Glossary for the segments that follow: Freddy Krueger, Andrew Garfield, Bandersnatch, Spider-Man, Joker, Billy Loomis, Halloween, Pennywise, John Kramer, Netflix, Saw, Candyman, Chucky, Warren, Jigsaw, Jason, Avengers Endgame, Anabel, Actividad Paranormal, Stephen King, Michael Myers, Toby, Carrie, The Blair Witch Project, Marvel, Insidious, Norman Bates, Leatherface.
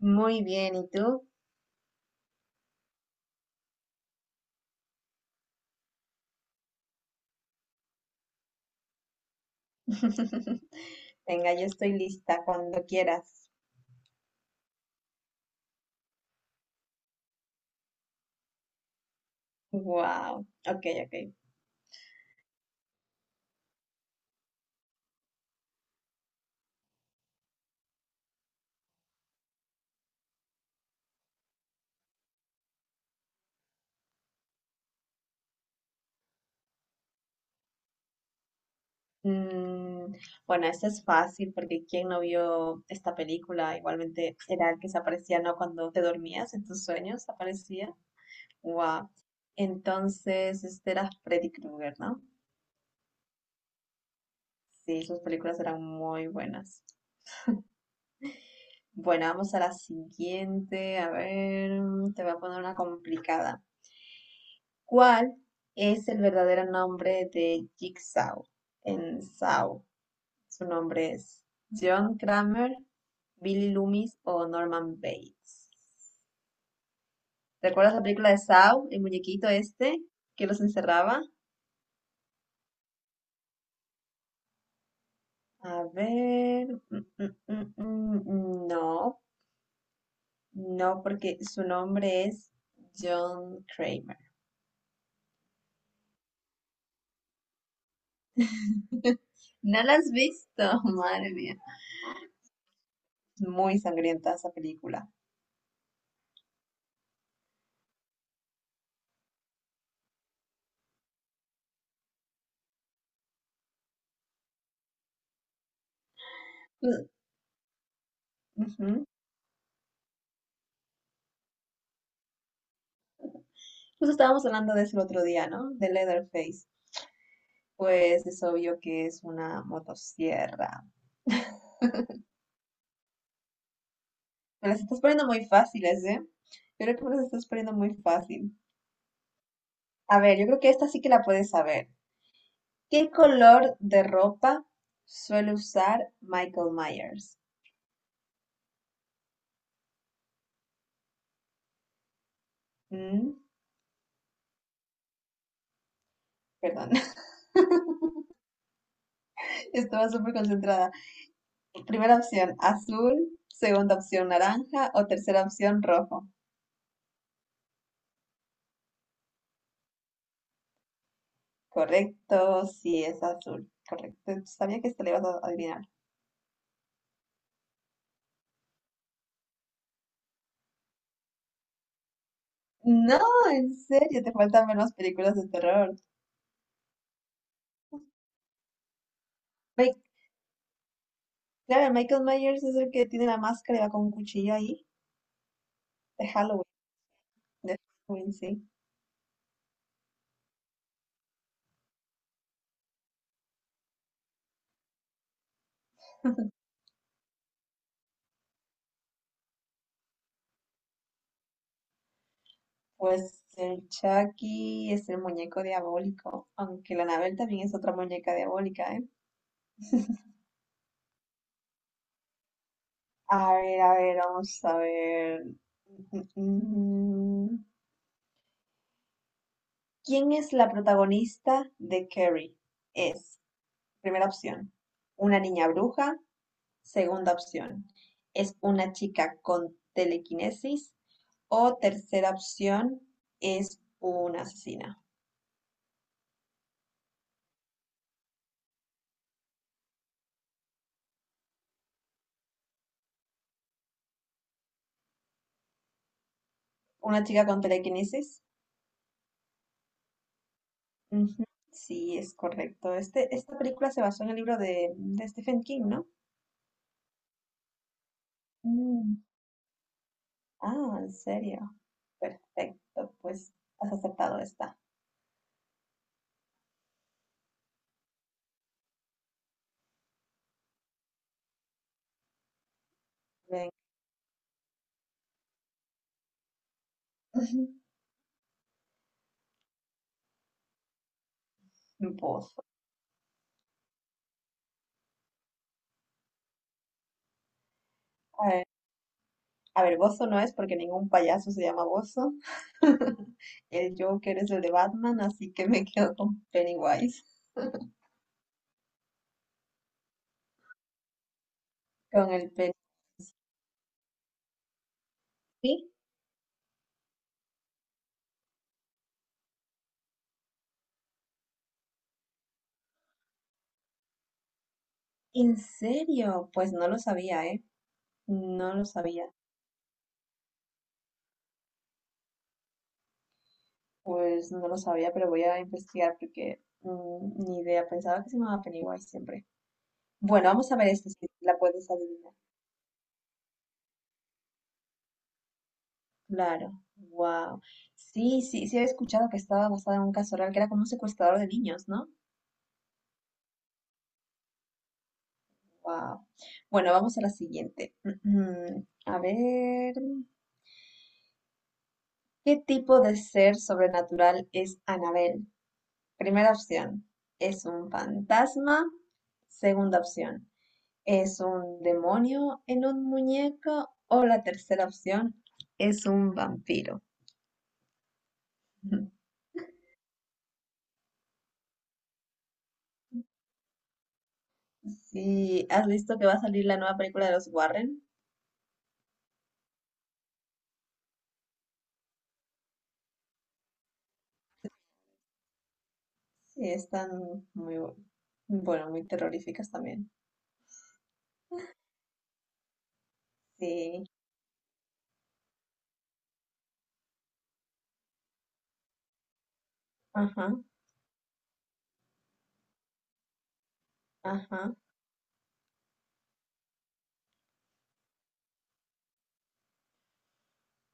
Muy bien, ¿y tú? Venga, yo estoy lista cuando quieras. Wow, ok, ok. Mm, bueno, esta es fácil porque ¿quién no vio esta película? Igualmente era el que se aparecía, ¿no? Cuando te dormías en tus sueños aparecía. Wow. Entonces, este era Freddy Krueger, ¿no? Sí, sus películas eran muy buenas. Bueno, vamos a la siguiente. A ver, te voy a poner una complicada. ¿Cuál es el verdadero nombre de Jigsaw en Saw? Su nombre es John Kramer, Billy Loomis o Norman Bates. ¿Recuerdas la película de Saw, el muñequito este que los encerraba? A ver, no, no, porque su nombre es John Kramer. ¿No la has visto? Madre mía. Muy sangrienta esa película. Mm, ujú. Justo estábamos hablando de eso el otro día, ¿no? De Leatherface. Pues es obvio que es una motosierra. Me las estás poniendo muy fáciles, ¿eh? Yo creo que me las estás poniendo muy fácil. A ver, yo creo que esta sí que la puedes saber. ¿Qué color de ropa suele usar Michael Myers? Mm, Perdón, estaba súper concentrada. Primera opción, azul. Segunda opción, naranja. O tercera opción, rojo. Correcto, sí, es azul. Correcto. Sabía que esta le ibas a adivinar. No, en serio, te faltan ver las películas de terror. Mi- claro, Michael Myers es el que tiene la máscara y va con un cuchillo ahí, de Halloween, de Halloween, sí. Pues el Chucky es el muñeco diabólico, aunque la Anabel también es otra muñeca diabólica, ¿eh? A ver, vamos a ver. Mm, mm, mm. ¿Quién es la protagonista de Carrie? Es, primera opción, una niña bruja. Segunda opción: es una chica con telequinesis. O tercera opción, es una asesina. Una chica con telequinesis. Ujú, sí, es correcto. Este, esta película se basó en el libro de Stephen King, ¿no? Mm, Ah, en serio. Perfecto, pues has aceptado esta. Ven, vos. A ver, Bozo no es porque ningún payaso se llama Bozo. El Joker es el de Batman, así que me quedo con Pennywise. Con el Penny. ¿Sí? ¿En serio? Pues no lo sabía, ¿eh? No lo sabía. Pues no lo sabía, pero voy a investigar porque ni idea. Pensaba que se llamaba Pennywise siempre. Bueno, vamos a ver esta, si la puedes adivinar. Claro. Wow. Sí, sí, sí había escuchado que estaba basada en un caso real, que era como un secuestrador de niños, ¿no? Wow. Bueno, vamos a la siguiente. A ver, ¿qué tipo de ser sobrenatural es Anabel? Primera opción, ¿es un fantasma? Segunda opción, ¿es un demonio en un muñeco? O la tercera opción, ¿es un vampiro? Sí, ¿has visto que va a salir la nueva película de los Warren? Sí, están muy, bueno, muy terroríficas también. Sí, ajá, ajá.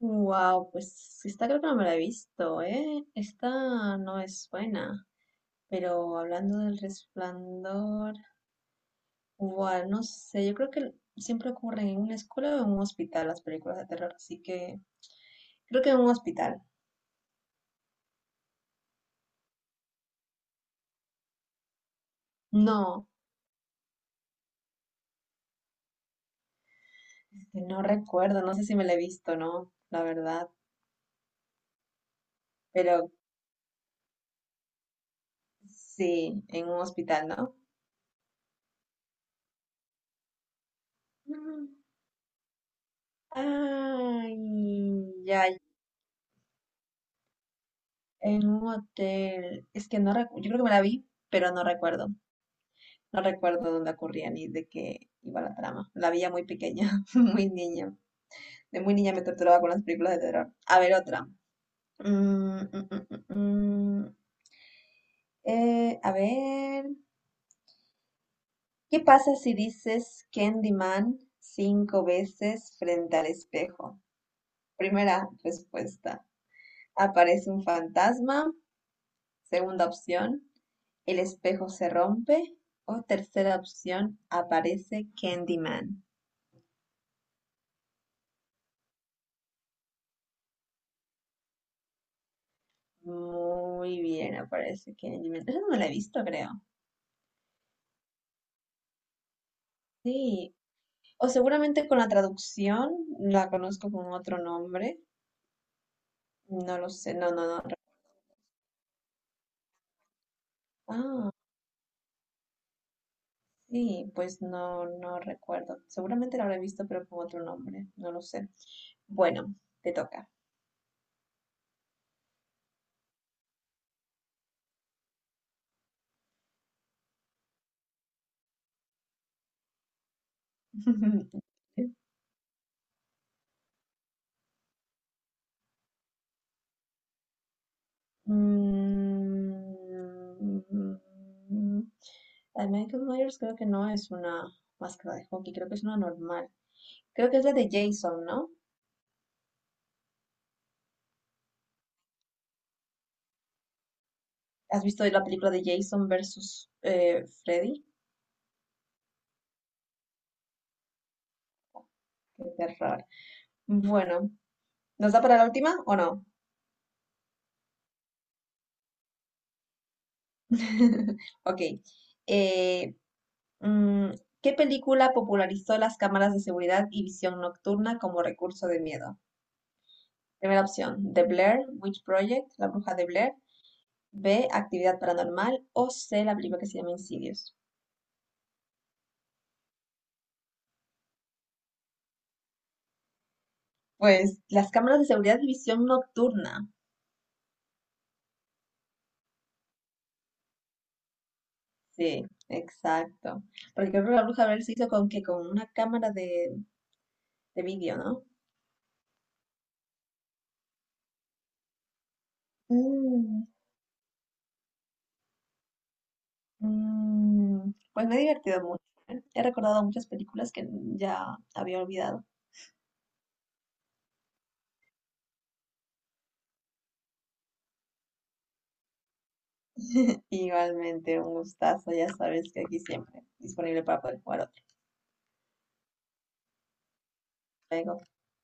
Wow, pues esta creo que no me la he visto, ¿eh? Esta no es buena. Pero hablando del resplandor, wow, no sé, yo creo que siempre ocurren en una escuela o en un hospital las películas de terror, así que creo que en un hospital. No, este, no recuerdo, no sé si me la he visto, ¿no? La verdad, pero sí, en un hospital, ¿no? Mm. Ay, ya, en un hotel. Es que no recuerdo, yo creo que me la vi, pero no recuerdo. No recuerdo dónde ocurría ni de qué iba la trama. La veía muy pequeña, muy niña. De muy niña me torturaba con las películas de terror. A ver, otra. Mm, mm, mm, mm, mm. A ver. ¿Qué pasa si dices Candyman cinco veces frente al espejo? Primera respuesta. Aparece un fantasma. Segunda opción. El espejo se rompe. O tercera opción. Aparece Candyman. Muy bien, aparece Kenji. Mientras no la he visto, creo. Sí. O seguramente con la traducción la conozco con otro nombre. No lo sé. No, no, no. Ah, sí, pues no, no recuerdo. Seguramente la habré visto, pero con otro nombre. No lo sé. Bueno, te toca. Mm, La de Michael Myers creo que no es una máscara de hockey, creo que es una normal. Creo que es la de Jason, ¿no? ¿Has visto la película de Jason versus Freddy? Qué terror. Bueno, ¿nos da para la última o no? Ok. eh, mm, ¿Qué película popularizó las cámaras de seguridad y visión nocturna como recurso de miedo? Primera opción, The Blair Witch Project, La Bruja de Blair. B, Actividad Paranormal. O C, la película que se llama Insidious. Pues las cámaras de seguridad y visión nocturna. Sí, exacto. Porque creo que la Bruja de Blair se hizo con que con una cámara de vídeo, ¿no? Mm, pues me he divertido mucho. ¿Eh? He recordado muchas películas que ya había olvidado. Igualmente, un gustazo, ya sabes que aquí siempre disponible para poder jugar otro juego.